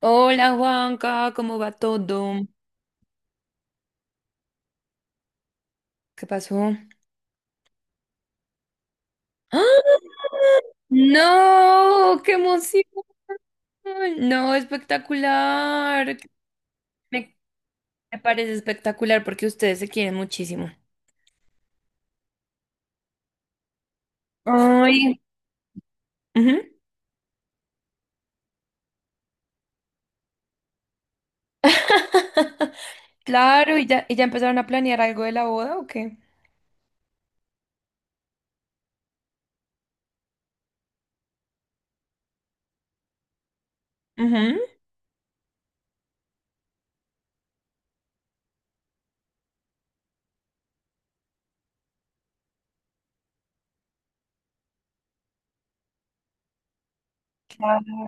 Hola Juanca, ¿cómo va todo? ¿Qué pasó? ¡Ah! ¡No! ¡Qué emoción! No, espectacular. Me, Me parece espectacular porque ustedes se quieren muchísimo. Ay. Ujú. Claro, y ya empezaron a planear algo de la boda o qué? Ujú. Claro.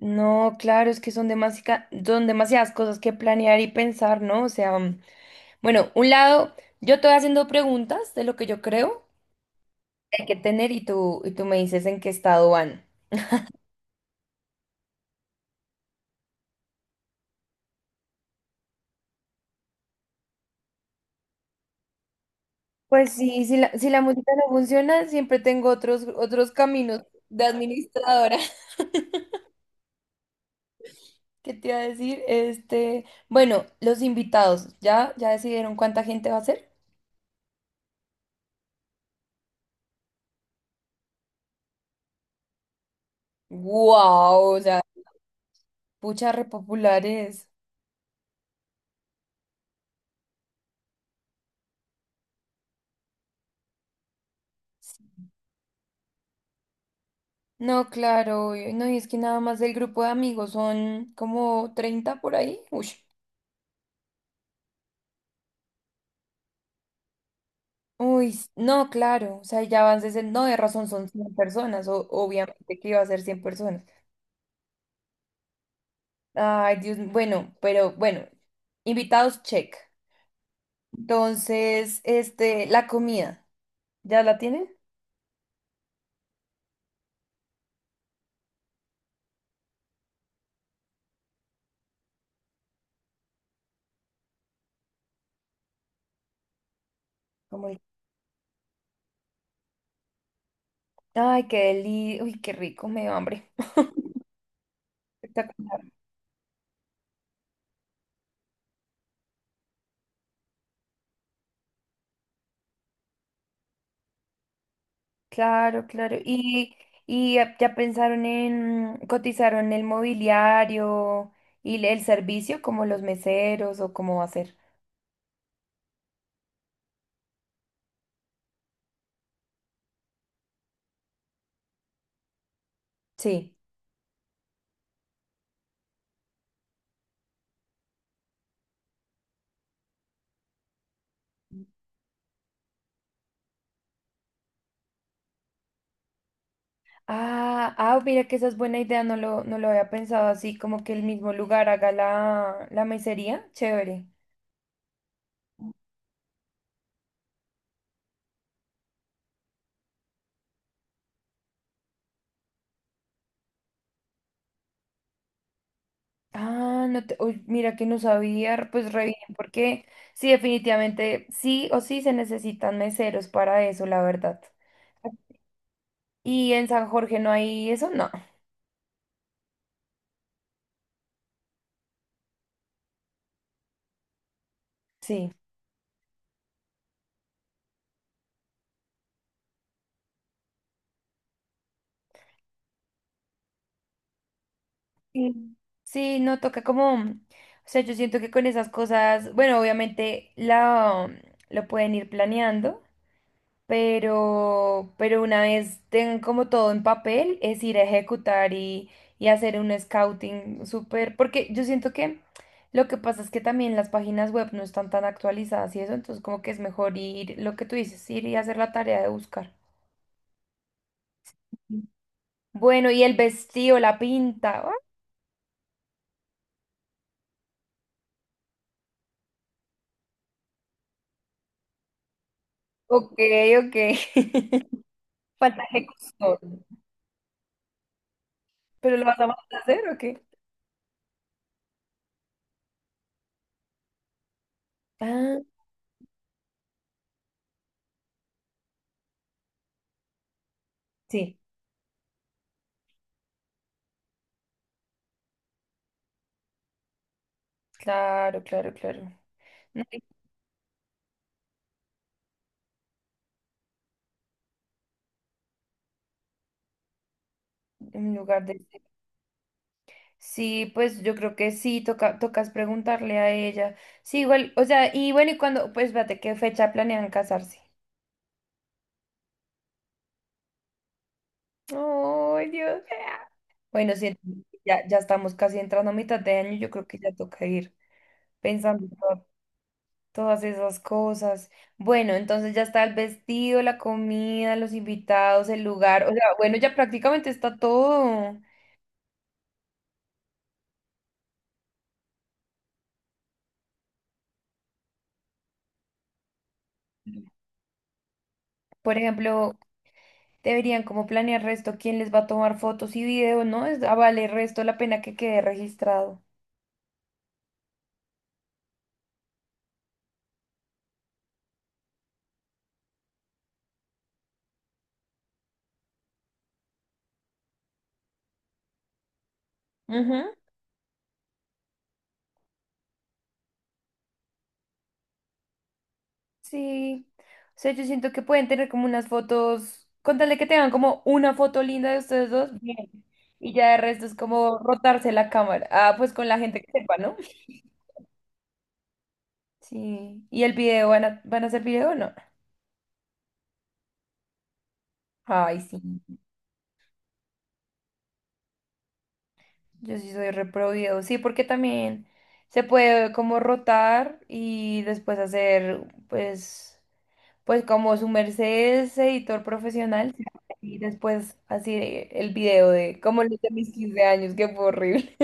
No, claro, es que son son demasiadas cosas que planear y pensar, ¿no? O sea. Bueno, un lado, yo te voy haciendo preguntas de lo que yo creo que hay que tener y tú me dices en qué estado van. Pues sí, si la música no funciona, siempre tengo otros, otros caminos de administradora. ¿Qué te iba a decir? Este, bueno, los invitados, ¿ya, ya decidieron cuánta gente va a ser? ¡Wow! O sea, pucha, repopulares. No, claro, y- no, y es que nada más del grupo de amigos son como 30 por ahí. Uy. Uy, s- no, claro, o sea, ya van 60, no, de razón son cien personas, obviamente que iba a ser 100 personas. Ay, Dios, m- bueno, pero bueno, invitados, check. Entonces, este, la comida, ¿ya la tienen? Como el- Ay, qué deli, uy, qué rico, me dio hambre. Espectacular. Claro, claro. Y ya ya pensaron en, cotizaron el mobiliario y el servicio, como los meseros o cómo va a ser. Sí. Ah, ah, mira que esa es buena idea, no lo había pensado así, como que el mismo lugar haga la mesería. Chévere. Ah, no te, uy, mira que no sabía, pues re bien, porque sí, definitivamente, sí o sí se necesitan meseros para eso, la verdad. Y en San Jorge no hay eso, no, sí. Sí. Sí, no toca como, o sea, yo siento que con esas cosas, bueno, obviamente lo pueden ir planeando, pero una vez tengan como todo en papel, es ir a ejecutar y hacer un scouting súper, porque yo siento que lo que pasa es que también las páginas web no están tan actualizadas y eso, entonces como que es mejor ir, lo que tú dices, ir y hacer la tarea de buscar. Bueno, y el vestido, la pinta. Ah. Ok, ok. Falta ejecución. ¿Pero lo vas a mandar a hacer o qué? Ah, sí. Claro, claro, claro. No, en lugar de... Sí, pues yo creo que sí, toca, tocas preguntarle a ella. Sí, igual, o sea, y bueno, y cuando, pues espérate, ¿qué fecha planean casarse? Ay, Dios. Bueno, sí, ya, ya estamos casi entrando a mitad de año, yo creo que ya toca ir pensando en todas esas cosas. Bueno, entonces ya está el vestido, la comida, los invitados, el lugar, o sea, bueno, ya prácticamente está todo. Por ejemplo, deberían como planear resto quién les va a tomar fotos y videos, ¿no? Es, ah, vale resto la pena que quede registrado. Ujú. Sí. O sea, yo siento que pueden tener como unas fotos, contarle que tengan como una foto linda de ustedes dos, bien. Y ya de resto es como rotarse la cámara. Ah, pues con la gente que sepa, ¿no? Sí. ¿Y el video? ¿Van a, van a hacer video o no? Ay, sí. Yo sí soy repro video. Sí, porque también se puede como rotar y después hacer, pues. Pues como su merced es editor profesional, sí, y después así el video de como los de mis 15 años, que fue horrible.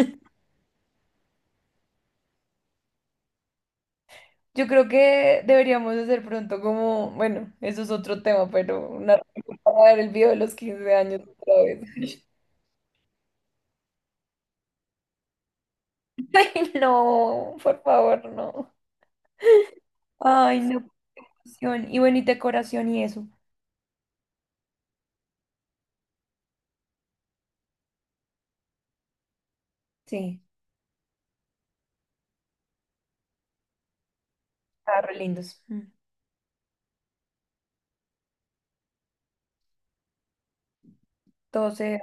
Yo creo que deberíamos hacer pronto como, bueno, eso es otro tema, pero una para ver el video de los 15 años otra vez. Ay, no, por favor, no. Ay, no, qué. Y bueno, y decoración y eso. Sí, está re lindos. Mm. Entonces,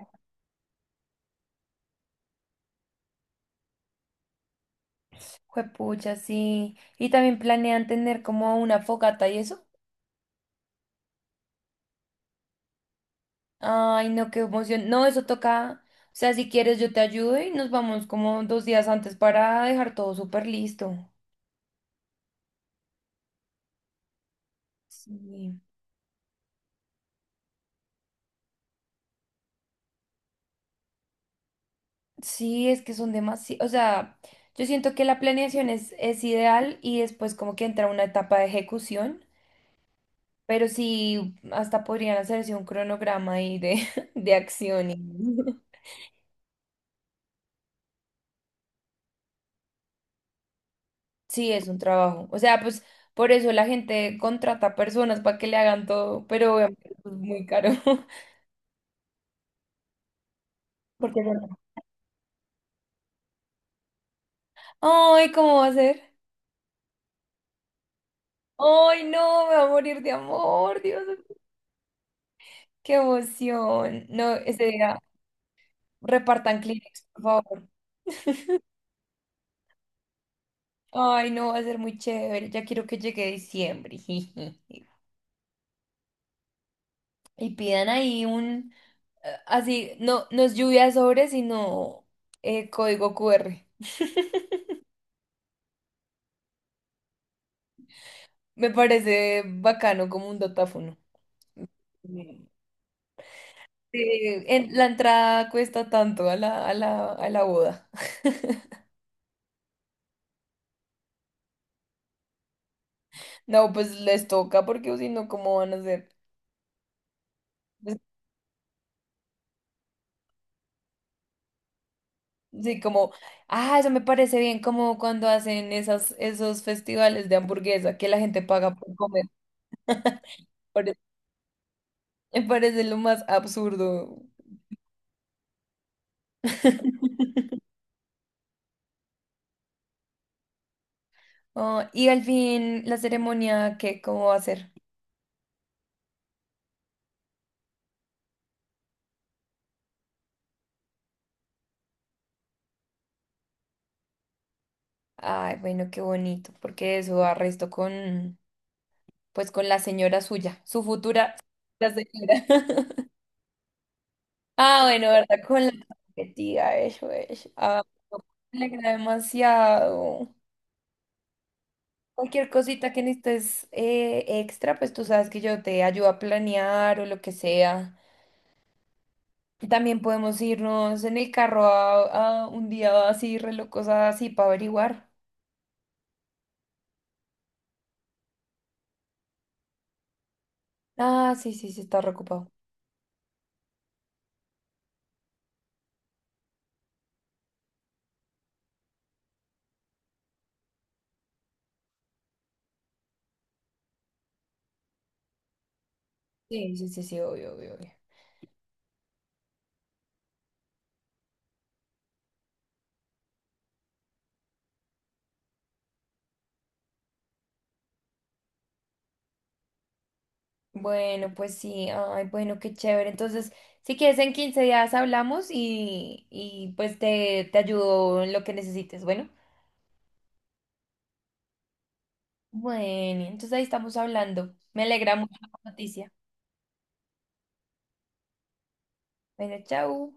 juepucha, sí. Y también planean tener como una fogata y eso. Ay, no, qué emoción. No, eso toca. O sea, si quieres, yo te ayudo y nos vamos como dos días antes para dejar todo súper listo. Sí. Sí, es que son demasiado. O sea, yo siento que la planeación es ideal y después como que entra una etapa de ejecución, pero sí, hasta podrían hacerse un cronograma ahí de, de acción. Y. Sí, es un trabajo. O sea, pues por eso la gente contrata personas para que le hagan todo, pero obviamente es muy caro. Porque ay, ¿cómo va a ser? Ay, no, me va a morir de amor, Dios mío. Qué emoción. No, ese día repartan Kleenex, por favor. Ay, no, va a ser muy chévere. Ya quiero que llegue diciembre. Y pidan ahí un, así, no, no es lluvia de sobre, sino código QR. Me parece bacano como un datáfono. Mm. Sí, en, la entrada cuesta tanto a la, a la boda. No, pues les toca porque si no, ¿cómo van a hacer? Sí, como, ah, eso me parece bien, como cuando hacen esas, esos festivales de hamburguesa que la gente paga por comer. Pare- Me parece lo más absurdo. Oh, y al fin, la ceremonia, ¿qué, cómo va a ser? Ay, bueno, qué bonito, porque eso arresto con, pues, con la señora suya, su futura la señora. Ah, bueno, ¿verdad? Con la tía, eso es. Ah, me alegra demasiado. Cualquier cosita que necesites extra, pues tú sabes que yo te ayudo a planear o lo que sea. También podemos irnos en el carro a un día así, re locos así, para averiguar. Ah, sí, sí, sí, está reocupado. Sí, sí, sí, sí, obvio, obvio, obvio. Bueno, pues sí, ay, bueno, qué chévere. Entonces, si quieres, en 15 días hablamos y pues te ayudo en lo que necesites. Bueno, bueno, entonces ahí estamos hablando. Me alegra mucho la noticia. Bueno, chao.